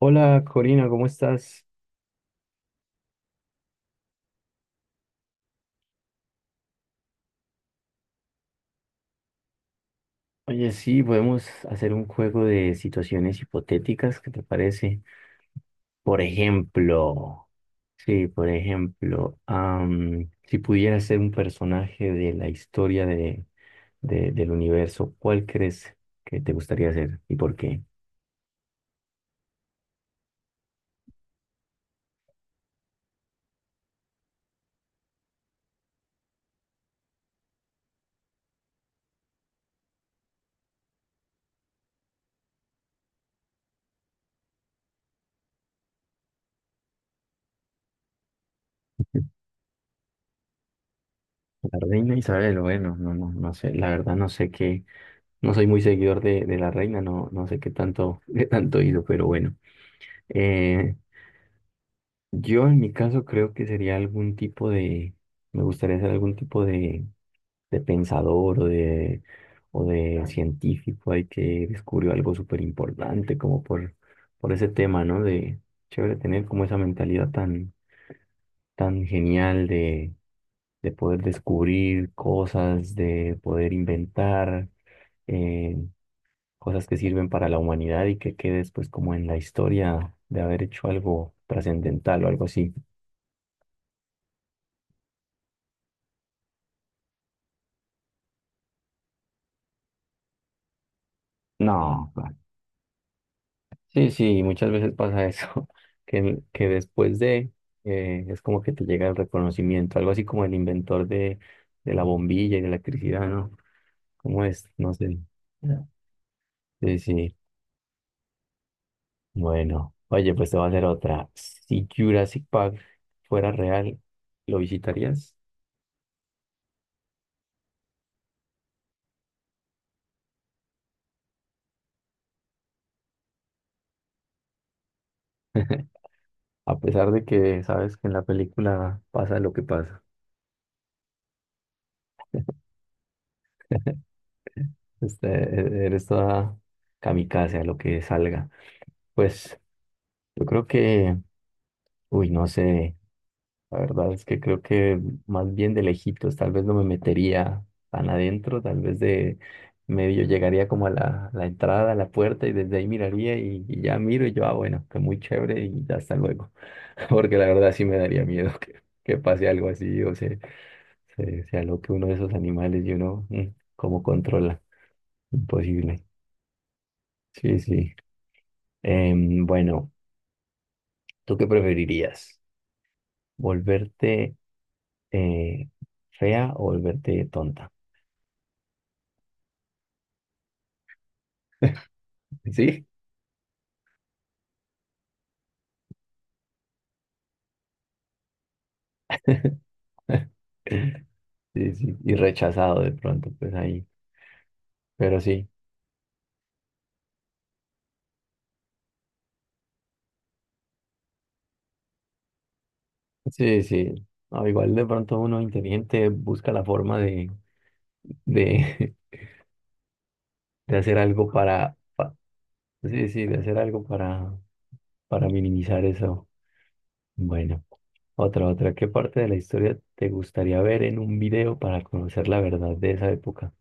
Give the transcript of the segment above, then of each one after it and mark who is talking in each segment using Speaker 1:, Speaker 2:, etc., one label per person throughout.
Speaker 1: Hola Corina, ¿cómo estás? Oye, sí, podemos hacer un juego de situaciones hipotéticas, ¿qué te parece? Por ejemplo, sí, por ejemplo, si pudieras ser un personaje de la historia del universo, ¿cuál crees que te gustaría ser y por qué? La reina Isabel, bueno, no, no, no sé, la verdad no sé qué, no soy muy seguidor de la reina, no, no sé qué tanto, qué tanto hizo, pero bueno. eh, Yo en mi caso creo que sería algún tipo de, me gustaría ser algún tipo de pensador o de científico ahí que descubrió algo súper importante por ese tema, ¿no? De chévere tener como esa mentalidad tan genial de poder descubrir cosas, de poder inventar eh, cosas que sirven para la humanidad y que quede después como en la historia de haber hecho algo trascendental o algo así. No, claro. Sí, sí, muchas veces pasa eso, que después de, es como que te llega el reconocimiento, algo así como el inventor de la bombilla y de la electricidad, ¿no? ¿Cómo es? No sé. Sí, sí. Bueno, oye, pues te voy a hacer otra. Si Jurassic Park fuera real, ¿lo visitarías? A pesar de que sabes que en la película pasa lo que pasa. Eres toda kamikaze a lo que salga. Pues yo creo que uy, no sé, la verdad es que creo que más bien de lejitos, tal vez no me metería tan adentro, tal vez de medio llegaría como a la entrada, a la puerta y desde ahí miraría y ya miro y yo, ah, bueno, que muy chévere y ya hasta luego, porque la verdad sí me daría miedo que pase algo así o se aloque uno de esos animales y uno, ¿cómo controla? Imposible. Sí, sí. Bueno, ¿tú qué preferirías? ¿Volverte eh, fea o volverte tonta? ¿Sí? Sí, sí, y rechazado de pronto, pues ahí. Pero sí, sí, sí. No, igual de pronto uno inteligente busca la forma de, de hacer algo para, sí, sí, de hacer algo para minimizar eso. Bueno, otra, otra. ¿Qué parte de la historia te gustaría ver en un video para conocer la verdad de esa época?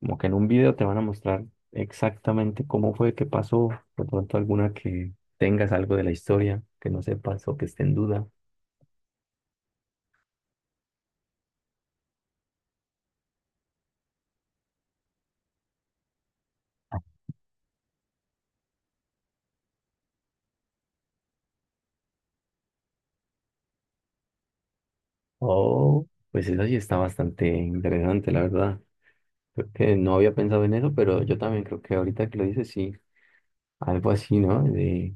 Speaker 1: Como que en un video te van a mostrar exactamente cómo fue que pasó, de pronto alguna que tengas algo de la historia que no sepas o que esté en duda. Oh, pues eso sí está bastante interesante, la verdad. Creo que no había pensado en eso, pero yo también creo que ahorita que lo dices, sí, algo así, ¿no? De,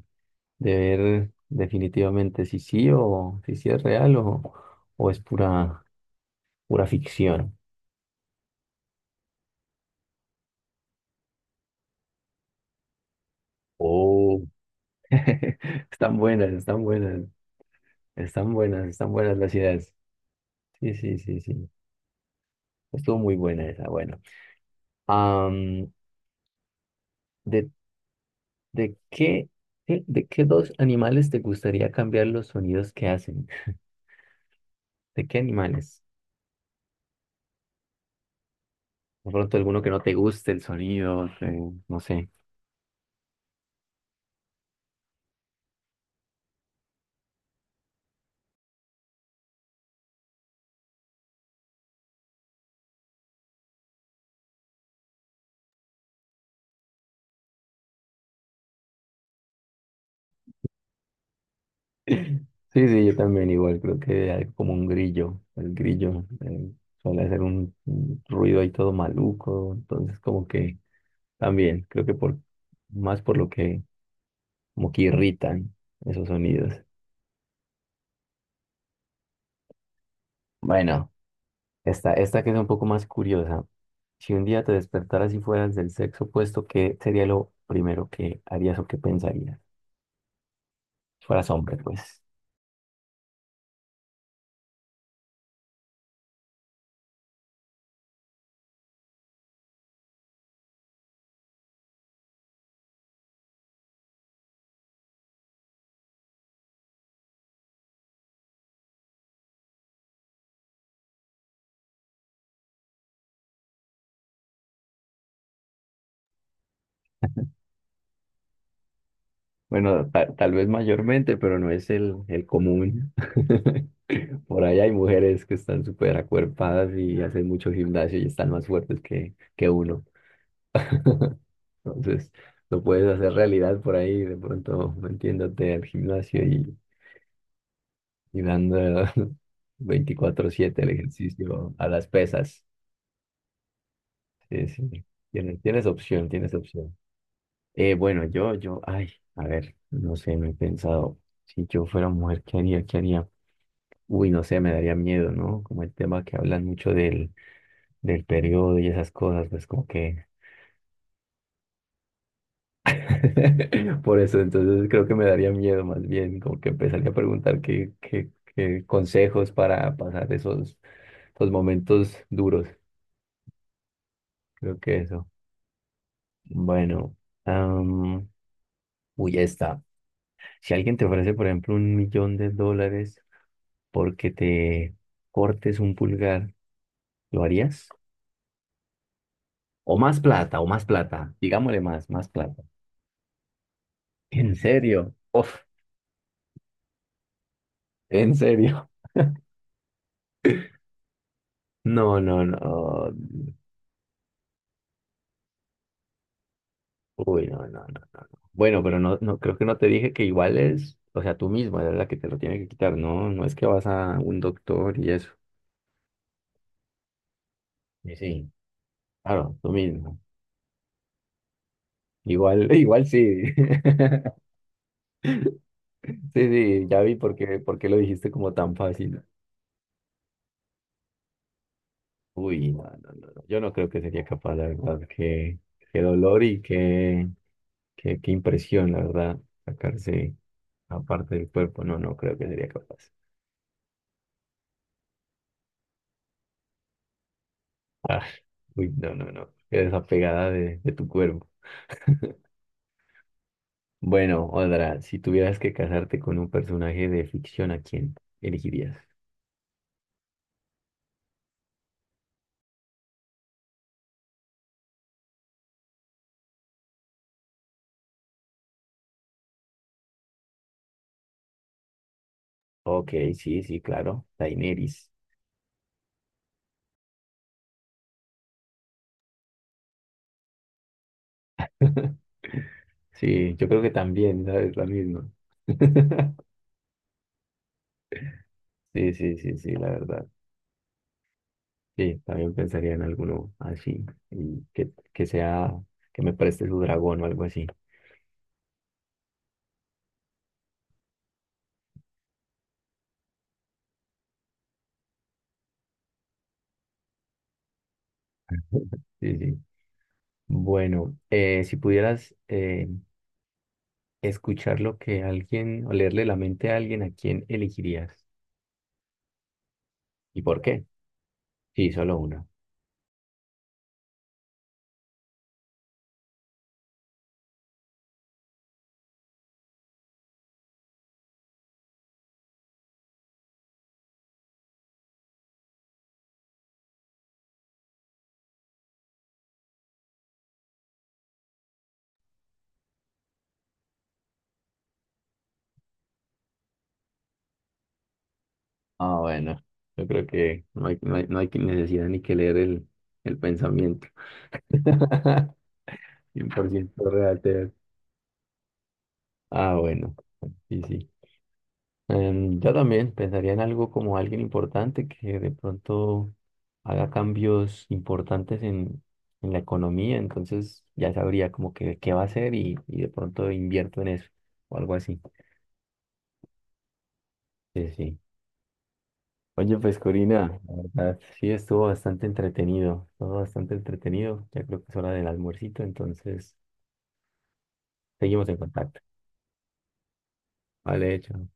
Speaker 1: de ver definitivamente si sí o si sí es real o es pura, pura ficción. Oh, están buenas, están buenas, están buenas, están buenas las ideas. Sí, sí, sí, sí. Estuvo muy buena esa. Bueno, Am, ¿de, de qué, de qué dos animales te gustaría cambiar los sonidos que hacen? ¿De qué animales? De pronto alguno que no te guste el sonido, no sé. Sí, sí, yo también igual, creo que algo como un grillo. El grillo suele hacer un ruido ahí todo maluco, entonces como que también, creo que por más por lo que como que irritan esos sonidos. Bueno. Esta que es un poco más curiosa. Si un día te despertaras y fueras del sexo opuesto, ¿qué sería lo primero que harías o qué pensarías? Si fueras hombre, pues. Bueno, tal vez mayormente, pero no es el común. Por ahí hay mujeres que están súper acuerpadas y hacen mucho gimnasio y están más fuertes que uno. Entonces, lo puedes hacer realidad por ahí, de pronto metiéndote al gimnasio y dando 24/7 el ejercicio a las pesas. Sí, sí. Tienes, tienes opción, tienes opción. Bueno, yo, yo, ay, a ver, no sé, me he pensado. Si yo fuera mujer, ¿qué haría? ¿Qué haría? Uy, no sé, me daría miedo, ¿no? Como el tema que hablan mucho del periodo y esas cosas, pues como que… Por eso, entonces creo que me daría miedo más bien, como que empezaría a preguntar qué, qué, qué consejos para pasar esos, esos momentos duros. Creo que eso. Bueno, am, uy, ya está. Si alguien te ofrece, por ejemplo, $1.000.000 porque te cortes un pulgar, ¿lo harías? O más plata, o más plata. Digámosle más, más plata. ¿En serio? Uf, ¿en serio? No, no, no. Uy, no, no, no, no. No. Bueno, pero no, no, creo que no te dije que igual es, o sea, tú mismo eres la que te lo tiene que quitar, ¿no? No es que vas a un doctor y eso. Y sí, claro, tú mismo. Igual, igual sí. Sí, sí, ya vi por qué lo dijiste como tan fácil. Uy, no, no, no, no. Yo no creo que sería capaz, la verdad. Qué dolor y qué, qué impresión, la verdad, sacarse aparte del cuerpo. No, no creo que sería capaz. Ah, uy, no, no, no. Qué desapegada de tu cuerpo. Bueno, Odra, si tuvieras que casarte con un personaje de ficción, ¿a quién elegirías? Ok, sí, sí, claro. Daenerys. Sí, yo creo que también, ¿sabes? La misma. Sí, sí, sí, sí, la verdad. Sí, también pensaría en alguno así, y que que me preste su dragón o algo así. Sí, sí. Bueno, si pudieras escuchar lo que alguien, o leerle la mente a alguien, ¿a quién elegirías? ¿Y por qué? Sí, solo una. Ah, bueno. Yo creo que no hay necesidad ni que leer el pensamiento. 100% real. Ah, bueno. Sí, sí. Yo también pensaría en algo como alguien importante que de pronto haga cambios importantes en la economía, entonces ya sabría como que qué va a hacer y de pronto invierto en eso o algo así. Sí, sí. Oye, pues Corina, la verdad, sí estuvo bastante entretenido, ya creo que es hora del almuercito, entonces seguimos en contacto. Vale, hecho.